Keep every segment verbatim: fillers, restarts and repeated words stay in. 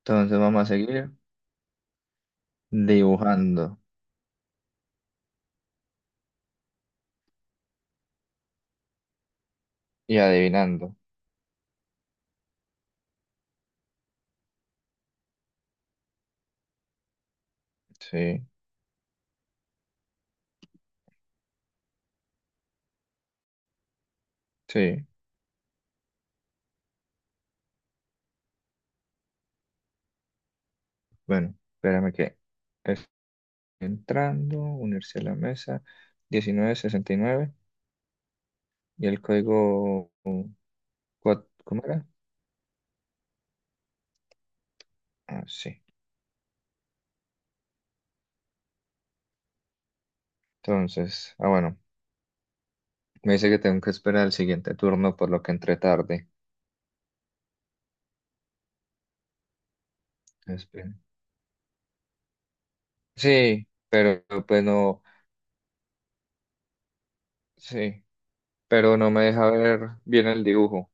Entonces vamos a seguir dibujando y adivinando. Sí, sí. Bueno, espérame que estoy entrando, unirse a la mesa, diecinueve sesenta y nueve y nueve y el código, cua- ¿cómo era? Ah, sí. Entonces, ah, bueno, me dice que tengo que esperar el siguiente turno, por lo que entré tarde. Espera. Sí, pero pues no, sí, pero no me deja ver bien el dibujo,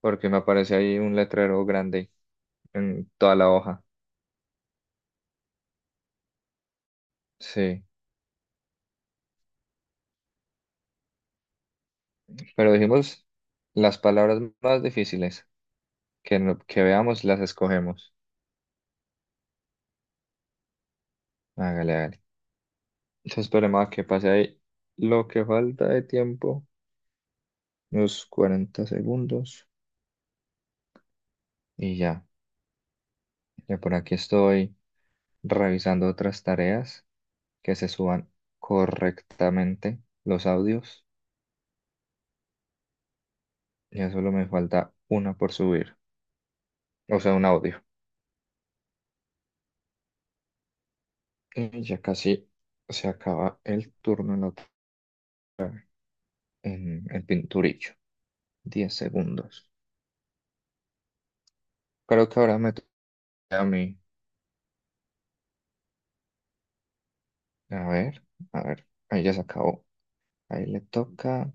porque me aparece ahí un letrero grande en toda la hoja. Sí. Pero dijimos las palabras más difíciles que, no- que veamos, las escogemos. Hágale, hágale. Entonces esperemos a que pase ahí lo que falta de tiempo, unos cuarenta segundos. Y ya, ya por aquí estoy revisando otras tareas que se suban correctamente los audios. Ya solo me falta una por subir, o sea, un audio. Y ya casi se acaba el turno en, la en el pinturillo. Diez segundos. Creo que ahora me... A mí. A ver, a ver. Ahí ya se acabó. Ahí le toca.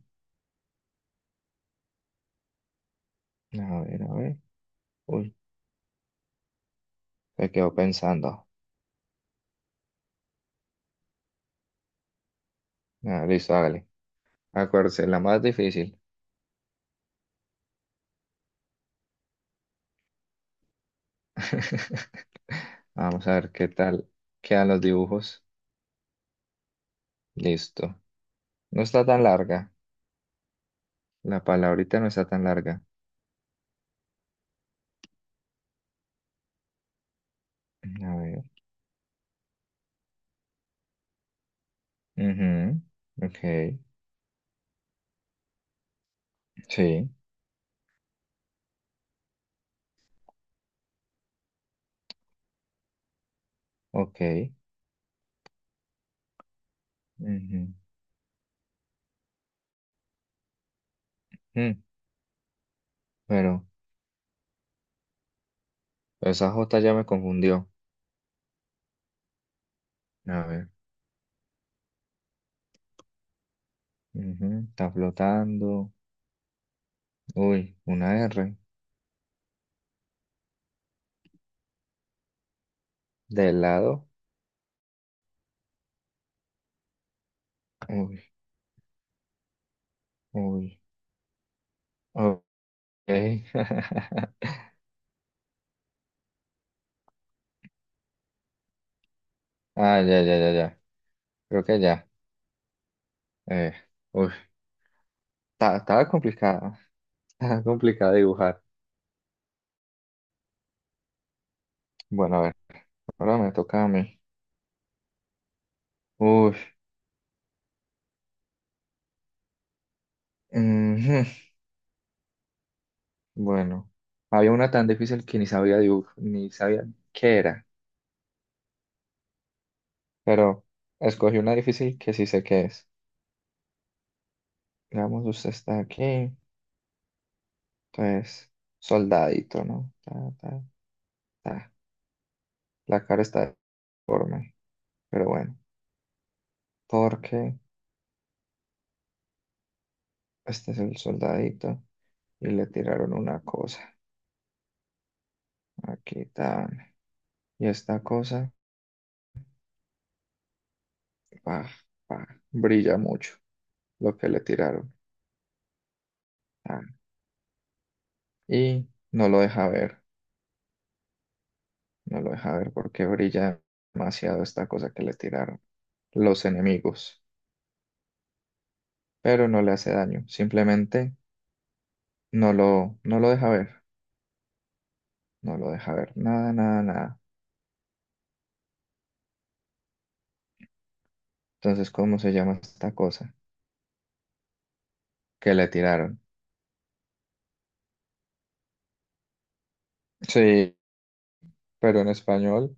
A ver, a ver. Uy, se quedó pensando. Ah, listo, hágale. Acuérdese, la más difícil. Vamos a ver qué tal quedan los dibujos. Listo. No está tan larga. La palabrita no está tan larga. A ver. Ujú. Ok. Sí. Ok. Ujú. Mm. Pero esa J ya me confundió. A ver. Ujú. Está flotando. Uy, una R. De lado. Uy, uy. Ok. Ah, ya, ya, ya, ya. Creo que ya. Eh, uy. ta- Estaba complicada. Estaba complicada dibujar. Bueno, a ver. Ahora me toca a mí. Uy, ujú. Bueno. Había una tan difícil que ni sabía dibujar, ni sabía qué era. Pero escogí una difícil que sí sé qué es. Digamos, usted está aquí. Entonces, soldadito, ¿no? Ta, ta, ta. La cara está deforme. Pero bueno, porque este es el soldadito y le tiraron una cosa. Aquí está. Y esta cosa, pa, pa, brilla mucho lo que le tiraron. Tan. Y no lo deja ver, no lo deja ver porque brilla demasiado esta cosa que le tiraron los enemigos. Pero no le hace daño, simplemente no lo, no lo deja ver, no lo deja ver, nada, nada, nada. Entonces, ¿cómo se llama esta cosa que le tiraron? Sí, pero en español.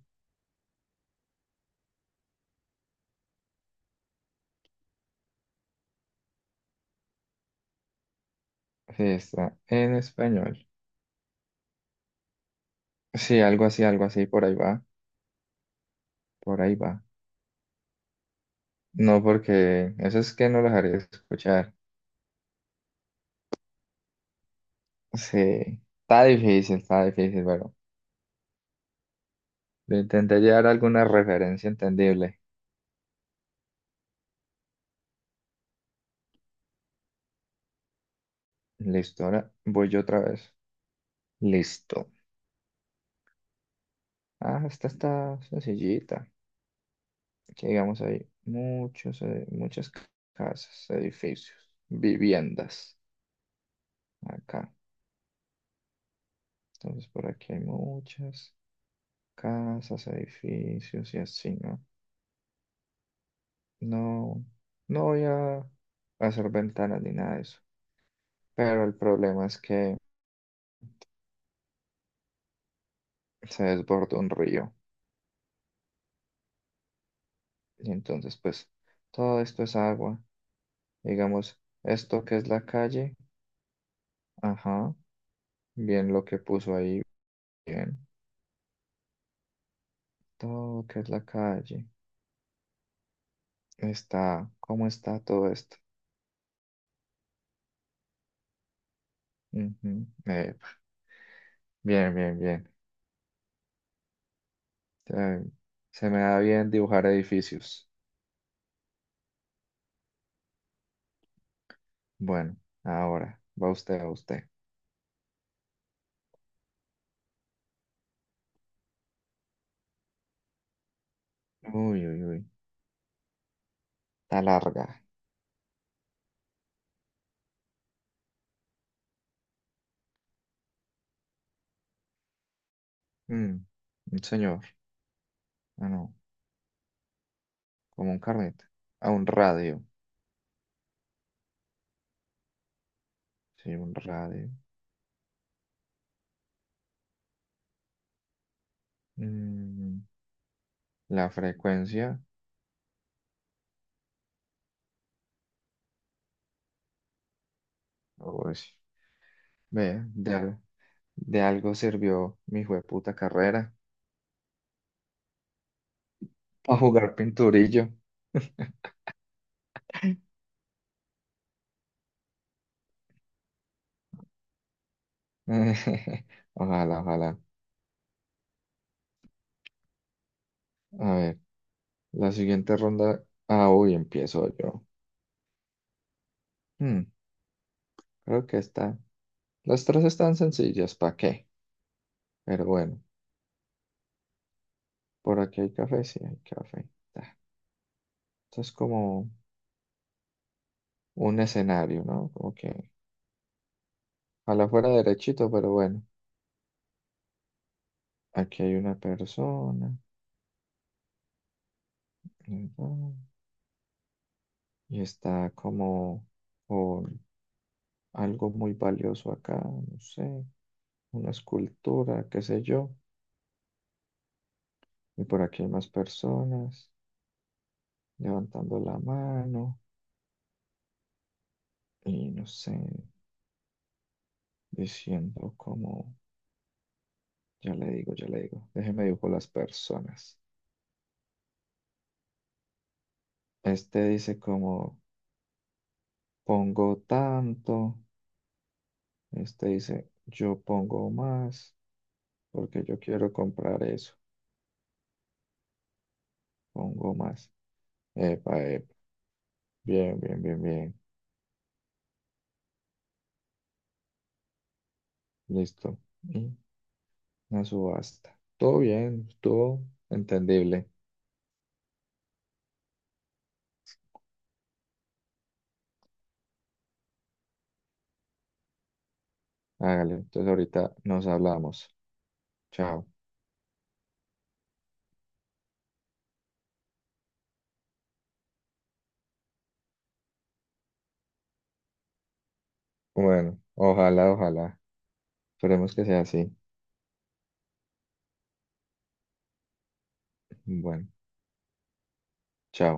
Sí, está en español. Sí, algo así, algo así, por ahí va, por ahí va. No, porque eso es que no los haré escuchar. Sí, está difícil, está difícil, pero le intenté llevar alguna referencia entendible. Listo, ahora voy yo otra vez. Listo. Ah, esta está sencillita. Que digamos ahí, muchos, eh, muchas ca- casas, edificios, viviendas. Acá. Entonces por aquí hay muchas casas, edificios y así, ¿no? No, no voy a hacer ventanas ni nada de eso. Pero el problema es que se desborda un río. Y entonces, pues, todo esto es agua. Digamos, esto que es la calle, ajá, bien lo que puso ahí, bien. Todo que es la calle, está, ¿cómo está todo esto? Ujú, eh, bien, bien, bien. Eh, Se me da bien dibujar edificios. Bueno, ahora, va usted, a usted. Uy, uy, uy, está larga. Mm, un señor, ah, no, como un carnet, a un radio, sí, un radio. Mm, la frecuencia, uy, ve, de, al- de algo sirvió mi jueputa carrera, para jugar pinturillo. Ojalá, ojalá. A ver, la siguiente ronda, ah, uy, empiezo yo. Mm, creo que está, las tres están sencillas, ¿para qué? Pero bueno, por aquí hay café, sí, hay café. Ta. Esto es como... un escenario, ¿no? Como que ojalá fuera derechito, pero bueno, aquí hay una persona, ¿verdad? Y está como con algo muy valioso acá, no sé, una escultura, qué sé yo, y por aquí hay más personas levantando la mano y no sé, diciendo como, ya le digo, ya le digo, déjeme dibujo las personas. Este dice como, pongo tanto, este dice, yo pongo más. Porque yo quiero comprar eso. Pongo más. Epa, epa. Bien, bien, bien, bien. Listo. Y una subasta. Todo bien, todo entendible. Hágale. Entonces ahorita nos hablamos. Chao. Bueno, ojalá, ojalá. Esperemos que sea así. Bueno, chao.